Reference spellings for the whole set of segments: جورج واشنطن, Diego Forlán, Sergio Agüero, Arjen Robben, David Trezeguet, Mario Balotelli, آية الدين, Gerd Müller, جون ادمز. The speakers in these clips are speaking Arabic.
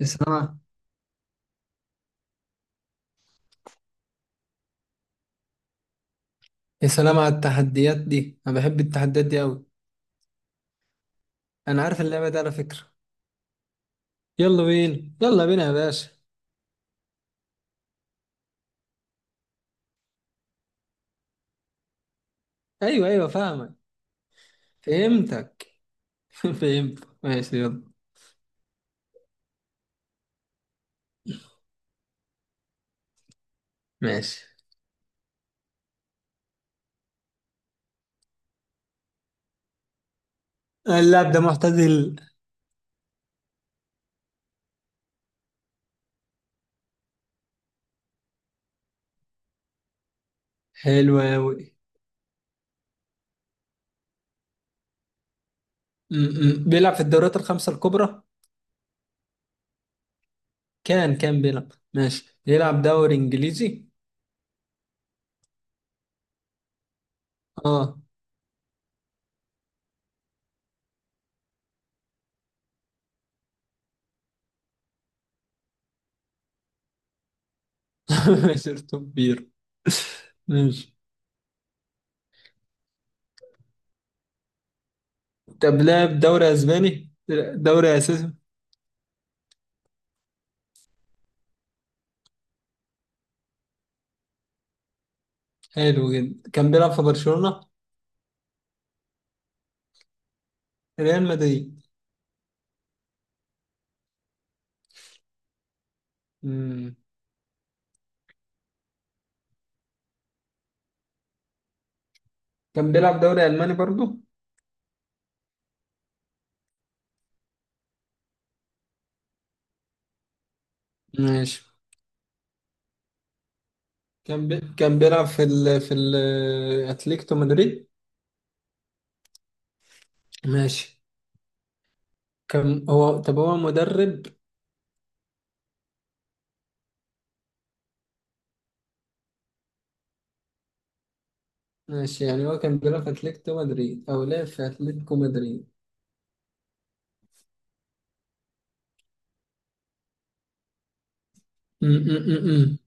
يا سلام، يا سلام على التحديات دي. انا بحب التحديات دي قوي. انا عارف اللعبه دي على فكره. يلا بينا يلا بينا يا باشا. ايوه ايوه فاهمك. فهمتك. فهمت ماشي يلا. ماشي. اللاعب ده معتزل؟ حلو قوي. بيلعب في الدوريات الخمسه الكبرى. كان بيلعب ماشي، بيلعب دوري انجليزي. اه. شرطه كبير. ماشي. طب لعب دوري اسباني، دوري اساسي. حلو جدا. كان بيلعب في برشلونه؟ ريال مدريد؟ مم. كان بيلعب دوري ألماني برضو؟ ماشي. كان بيلعب في أتليتيكو مدريد. ماشي. كان هو طب هو مدرب؟ ماشي، يعني هو كان بيلعب في أتليتيكو مدريد، أو لعب في أتليتيكو مدريد. م- م- م- م.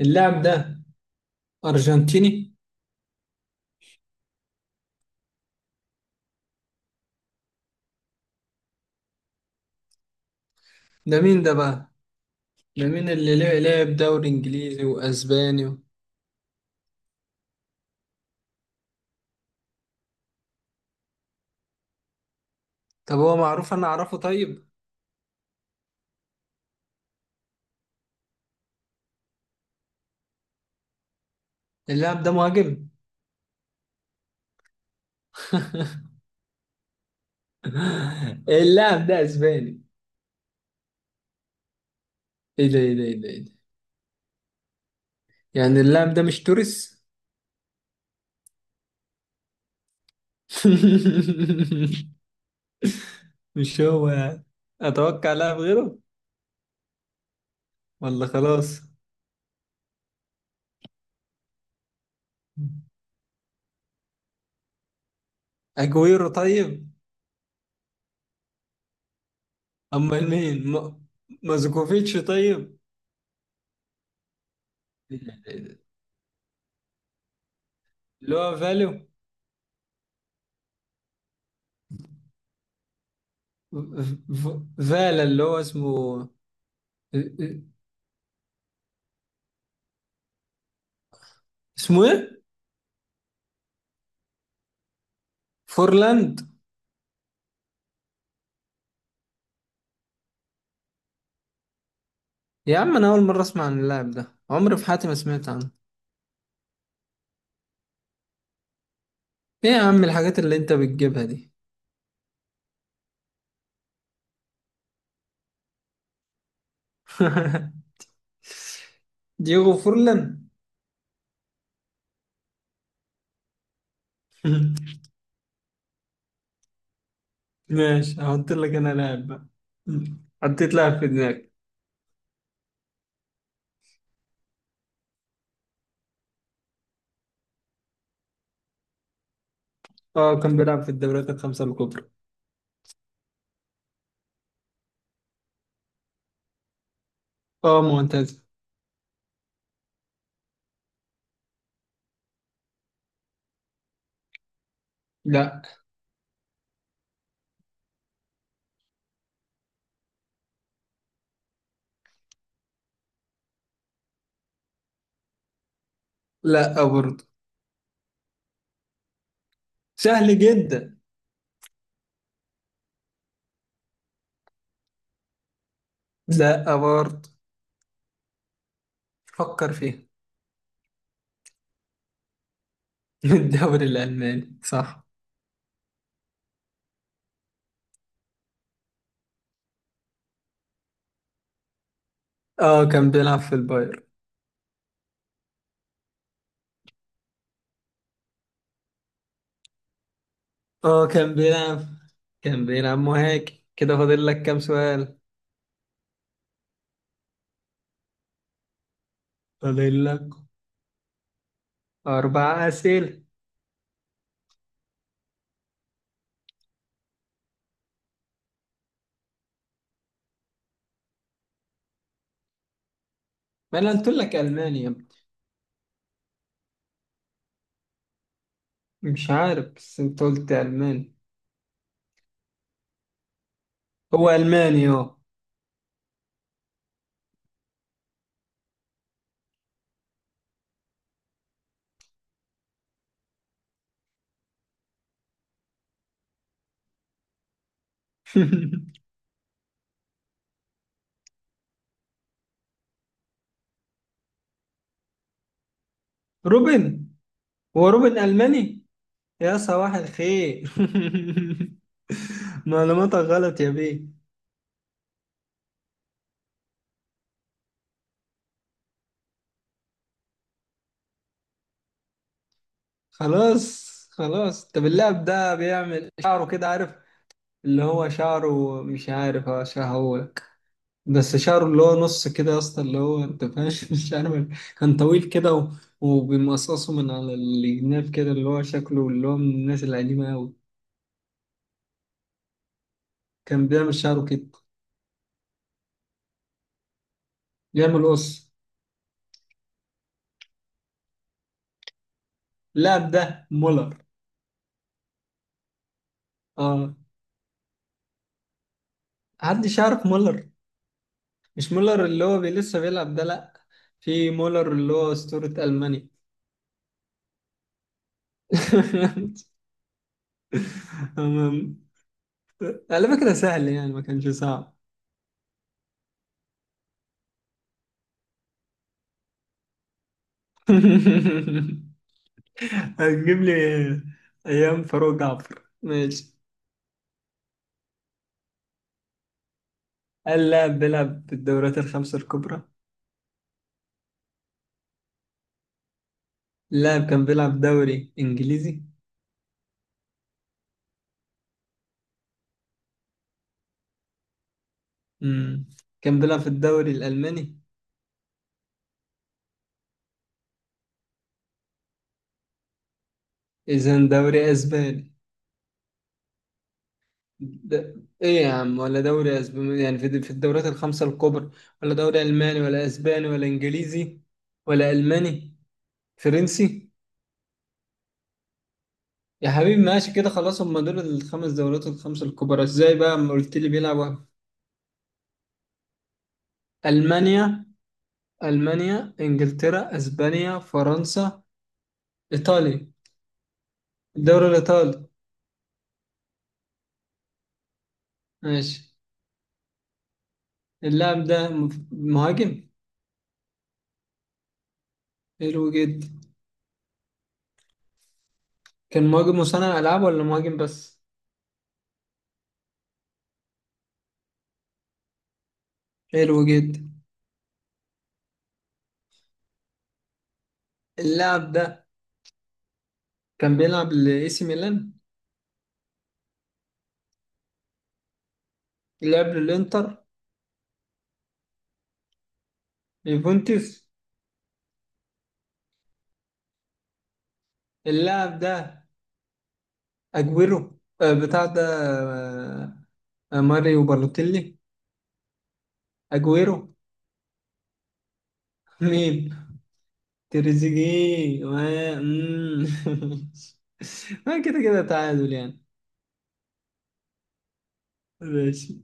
اللاعب ده أرجنتيني؟ ده مين ده بقى؟ ده مين اللي لعب دوري إنجليزي وأسباني و...؟ طب هو معروف، أنا أعرفه؟ طيب. اللاعب ده مهاجم؟ اللاعب ده أسباني؟ ايه ده ايه ده ايه ده إيه ده؟ يعني اللاعب ده مش توريس؟ مش هو يعني. اتوقع لاعب غيره ولا خلاص؟ اجويرو؟ طيب. امال مين مازوكوفيتش؟ طيب. إيه ده إيه ده إيه ده؟ اللي هو فاليو، ف- ف- فالا اللي هو اسمه. اسمه ايه؟ فورلاند؟ يا عم، انا اول مره اسمع عن اللاعب ده، عمري في حياتي ما سمعت عنه. ايه يا عم الحاجات اللي انت بتجيبها دي؟ دييغو فورلان. ماشي، هحط لك انا لاعب بقى. مم. حطيت لاعب في دماغي. اه كان بيلعب في الدوريات الخمسة الكبرى. اه معتزل. لا. لا برضه. سهل جدا. لا برضه. فكر فيها. من الدوري الألماني، صح. اه كان بيلعب في الباير. اه كان بيلعب مهاجم كده. فاضل لك كام سؤال؟ فاضل لك أربع أسئلة. ما أنا قلت لك ألماني يا ابني. مش عارف بس أنت قلت ألماني. هو ألماني اه. روبن؟ هو روبن ألماني. يا صباح الخير. معلوماتك غلط يا بيه. خلاص خلاص. طب اللاعب ده بيعمل شعره كده، عارف، اللي هو شعره مش عارف اشرحهولك، بس شعره اللي هو نص كده يا اسطى، اللي هو انت فاهم. مش عارف. كان طويل كده وبيمقصصه من على الجناب كده، اللي هو شكله اللي هو من الناس القديمة أوي. كان بيعمل شعره كده، بيعمل قص. اللاعب ده مولر. اه. حدش يعرف مولر. مش مولر اللي هو لسه بيلعب ده، لا. في مولر اللي هو أسطورة ألمانيا. أمم. على فكرة سهل يعني، ما كانش صعب. هتجيب لي أيام فاروق جعفر؟ ماشي. هل لاعب بيلعب بالدوريات الخمسة الكبرى؟ اللاعب كان بيلعب دوري إنجليزي؟ مم. كان بيلعب في الدوري الألماني؟ إذا دوري أسباني. ده ايه يا عم، ولا دوري اسباني يعني، في الدوريات الخمسة الكبرى، ولا دوري الماني ولا اسباني ولا انجليزي، ولا الماني، فرنسي؟ يا حبيبي ماشي كده خلاص. هم دول الخمس دوريات، الخمسة الكبرى ازاي بقى اما قلت لي بيلعبوا؟ المانيا. المانيا، انجلترا، اسبانيا، فرنسا. ايطاليا. الدوري الايطالي، ماشي. اللاعب ده مهاجم؟ حلو جدا. كان مهاجم مصنع العاب ولا مهاجم بس؟ حلو جدا. اللاعب ده كان بيلعب لاي سي ميلان؟ لعب للانتر؟ يوفنتوس؟ اللاعب ده اجويرو، آه، بتاع ده. آه، آه، ماريو بالوتيلي. اجويرو. مين؟ تريزيجيه ما مم. ما كده كده تعادل يعني. ماشي.